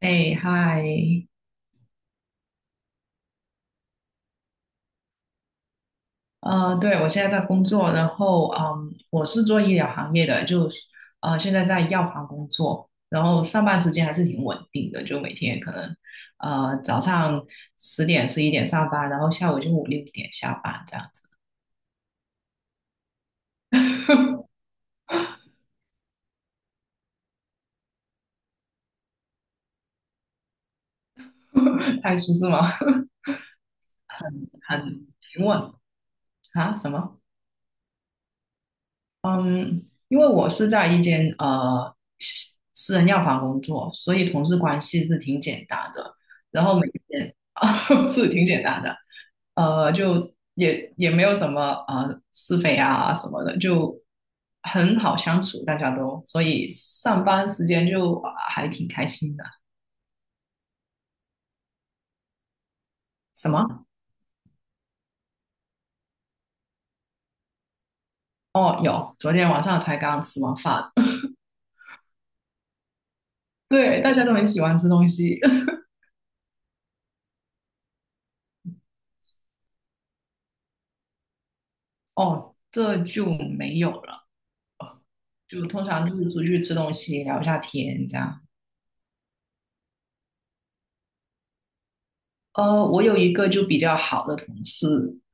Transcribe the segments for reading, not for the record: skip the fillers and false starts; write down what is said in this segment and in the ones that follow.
哎，嗨，对，我现在在工作，然后，我是做医疗行业的，就是现在在药房工作，然后上班时间还是挺稳定的，就每天可能，早上10、11点上班，然后下午就五六点下班这样子。太舒适吗？很平稳。啊？什么？嗯，因为我是在一间私人药房工作，所以同事关系是挺简单的。然后每天 是挺简单的，就也没有什么是非啊什么的，就很好相处，大家都，所以上班时间就还挺开心的。什么？哦，有，昨天晚上才刚吃完饭。对，大家都很喜欢吃东西。哦，这就没有了。就通常就是出去吃东西，聊一下天这样。我有一个就比较好的同事，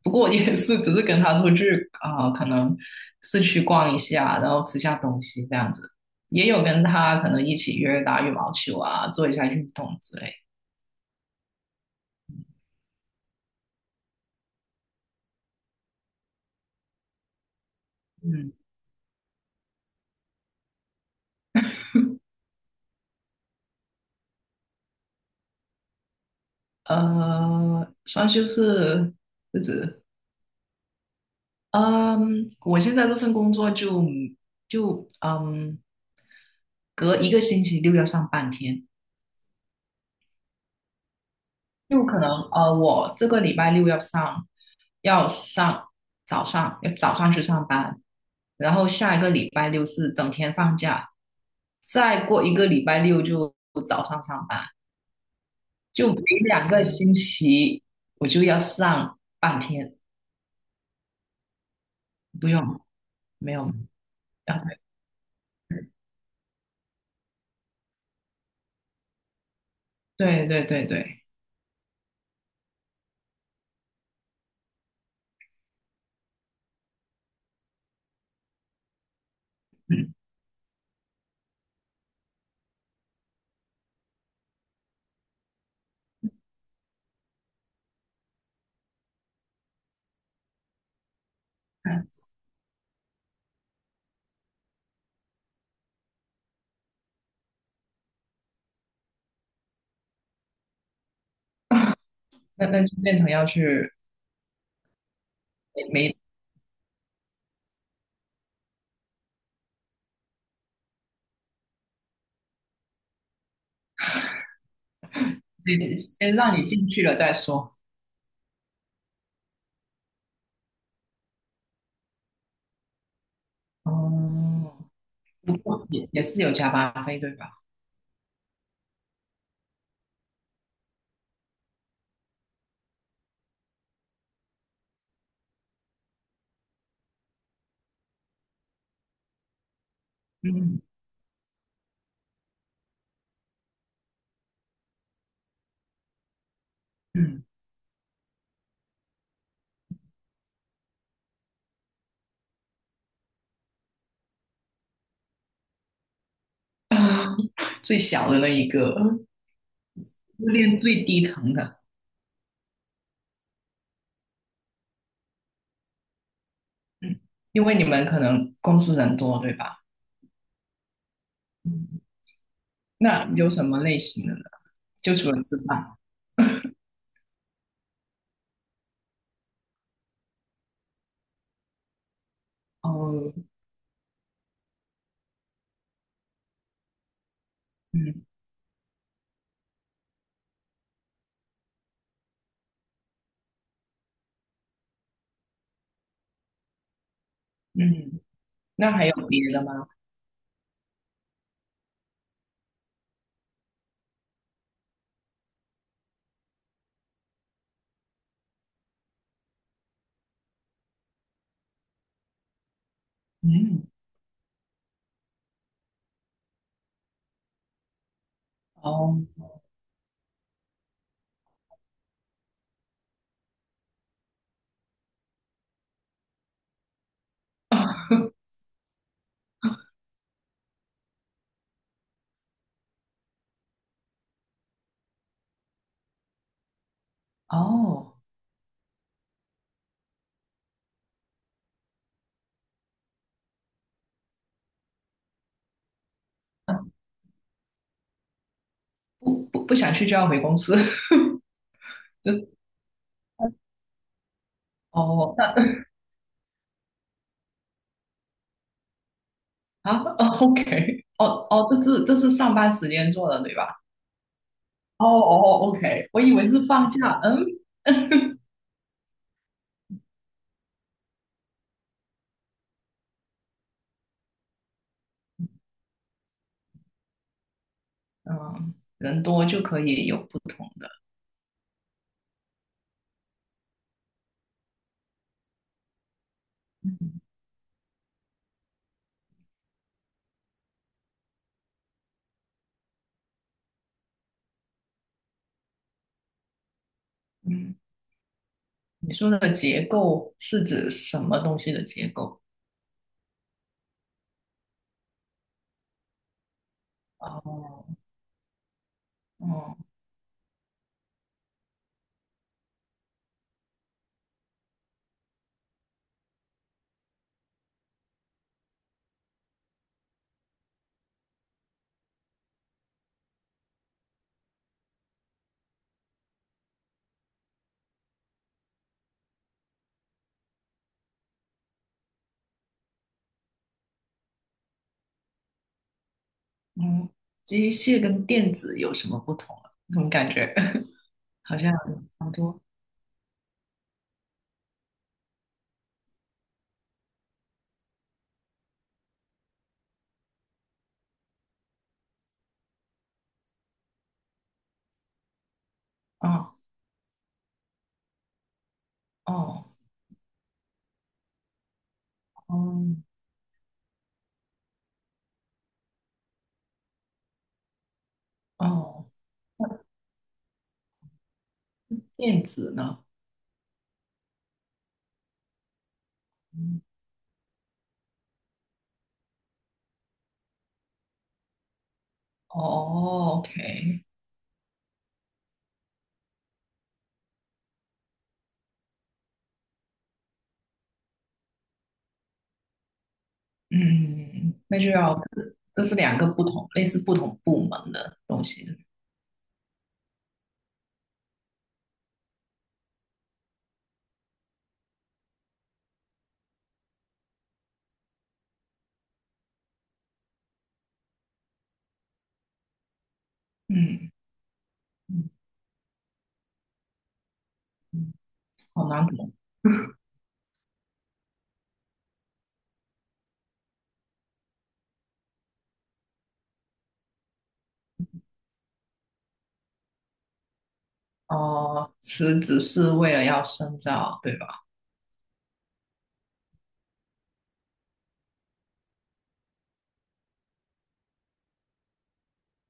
不过也是只是跟他出去啊、可能市区逛一下，然后吃下东西这样子。也有跟他可能一起约打羽毛球啊，做一下运动之类。嗯，双休是日子。嗯，我现在这份工作就隔一个星期六要上半天。就可能我这个礼拜六要上，要上早上，要早上去上班，然后下一个礼拜六是整天放假，再过一个礼拜六就早上上班，就每2个星期我就要上半天。不用，没有，啊，对对对对。嗯，那就变成要去。没没，先让你进去了再说。哦，不过也是有加班费对吧？嗯嗯。最小的那一个，练最低层的。因为你们可能公司人多，对吧？嗯，那有什么类型的呢？就除了吃饭。哦，嗯嗯，那还有别的吗？嗯，哦。 哦，啊，不不，不想去就要回公司。这。哦，那啊哦，OK，哦哦，这是上班时间做的，对吧？哦哦，OK，我以为是放假，嗯。嗯，人多就可以有不同的。嗯嗯，你说的结构是指什么东西的结构？哦哦，嗯，机械跟电子有什么不同啊？怎么感觉 好像差不多？哦哦，嗯哦，电子呢？嗯哦，OK，嗯，那就要。这是两个不同，类似不同部门的东西。嗯嗯嗯，好难懂。哦，辞职是为了要深造，对吧？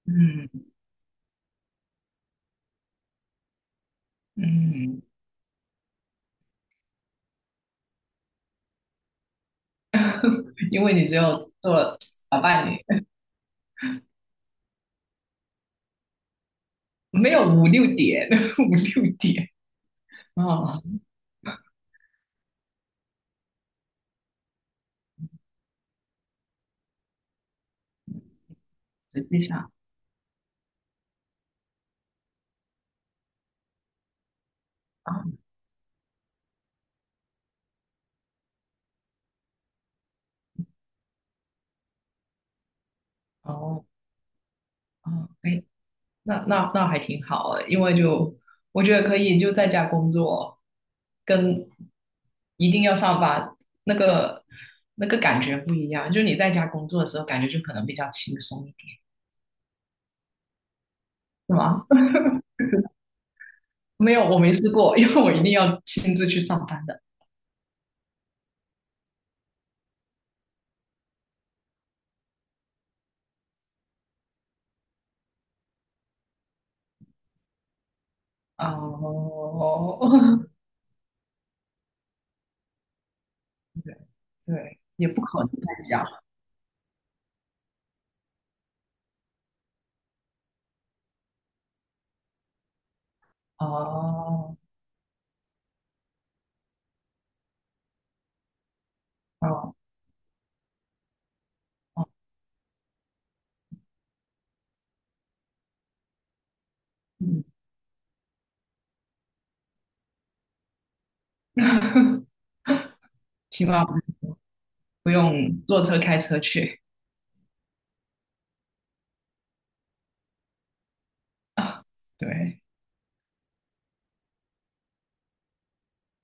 嗯嗯。因为你只有做了小半年。没有五六点，五六点。哦，实际上啊，哦哦，哎，那还挺好的。因为就我觉得可以就在家工作，跟一定要上班那个那个感觉不一样，就你在家工作的时候，感觉就可能比较轻松一点，是吗？没有，我没试过。因为我一定要亲自去上班的。哦。对对，也不可能在家。哦哦哦，嗯。起码不用坐车开车去啊。对，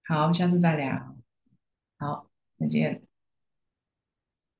好，下次再聊。好，再见。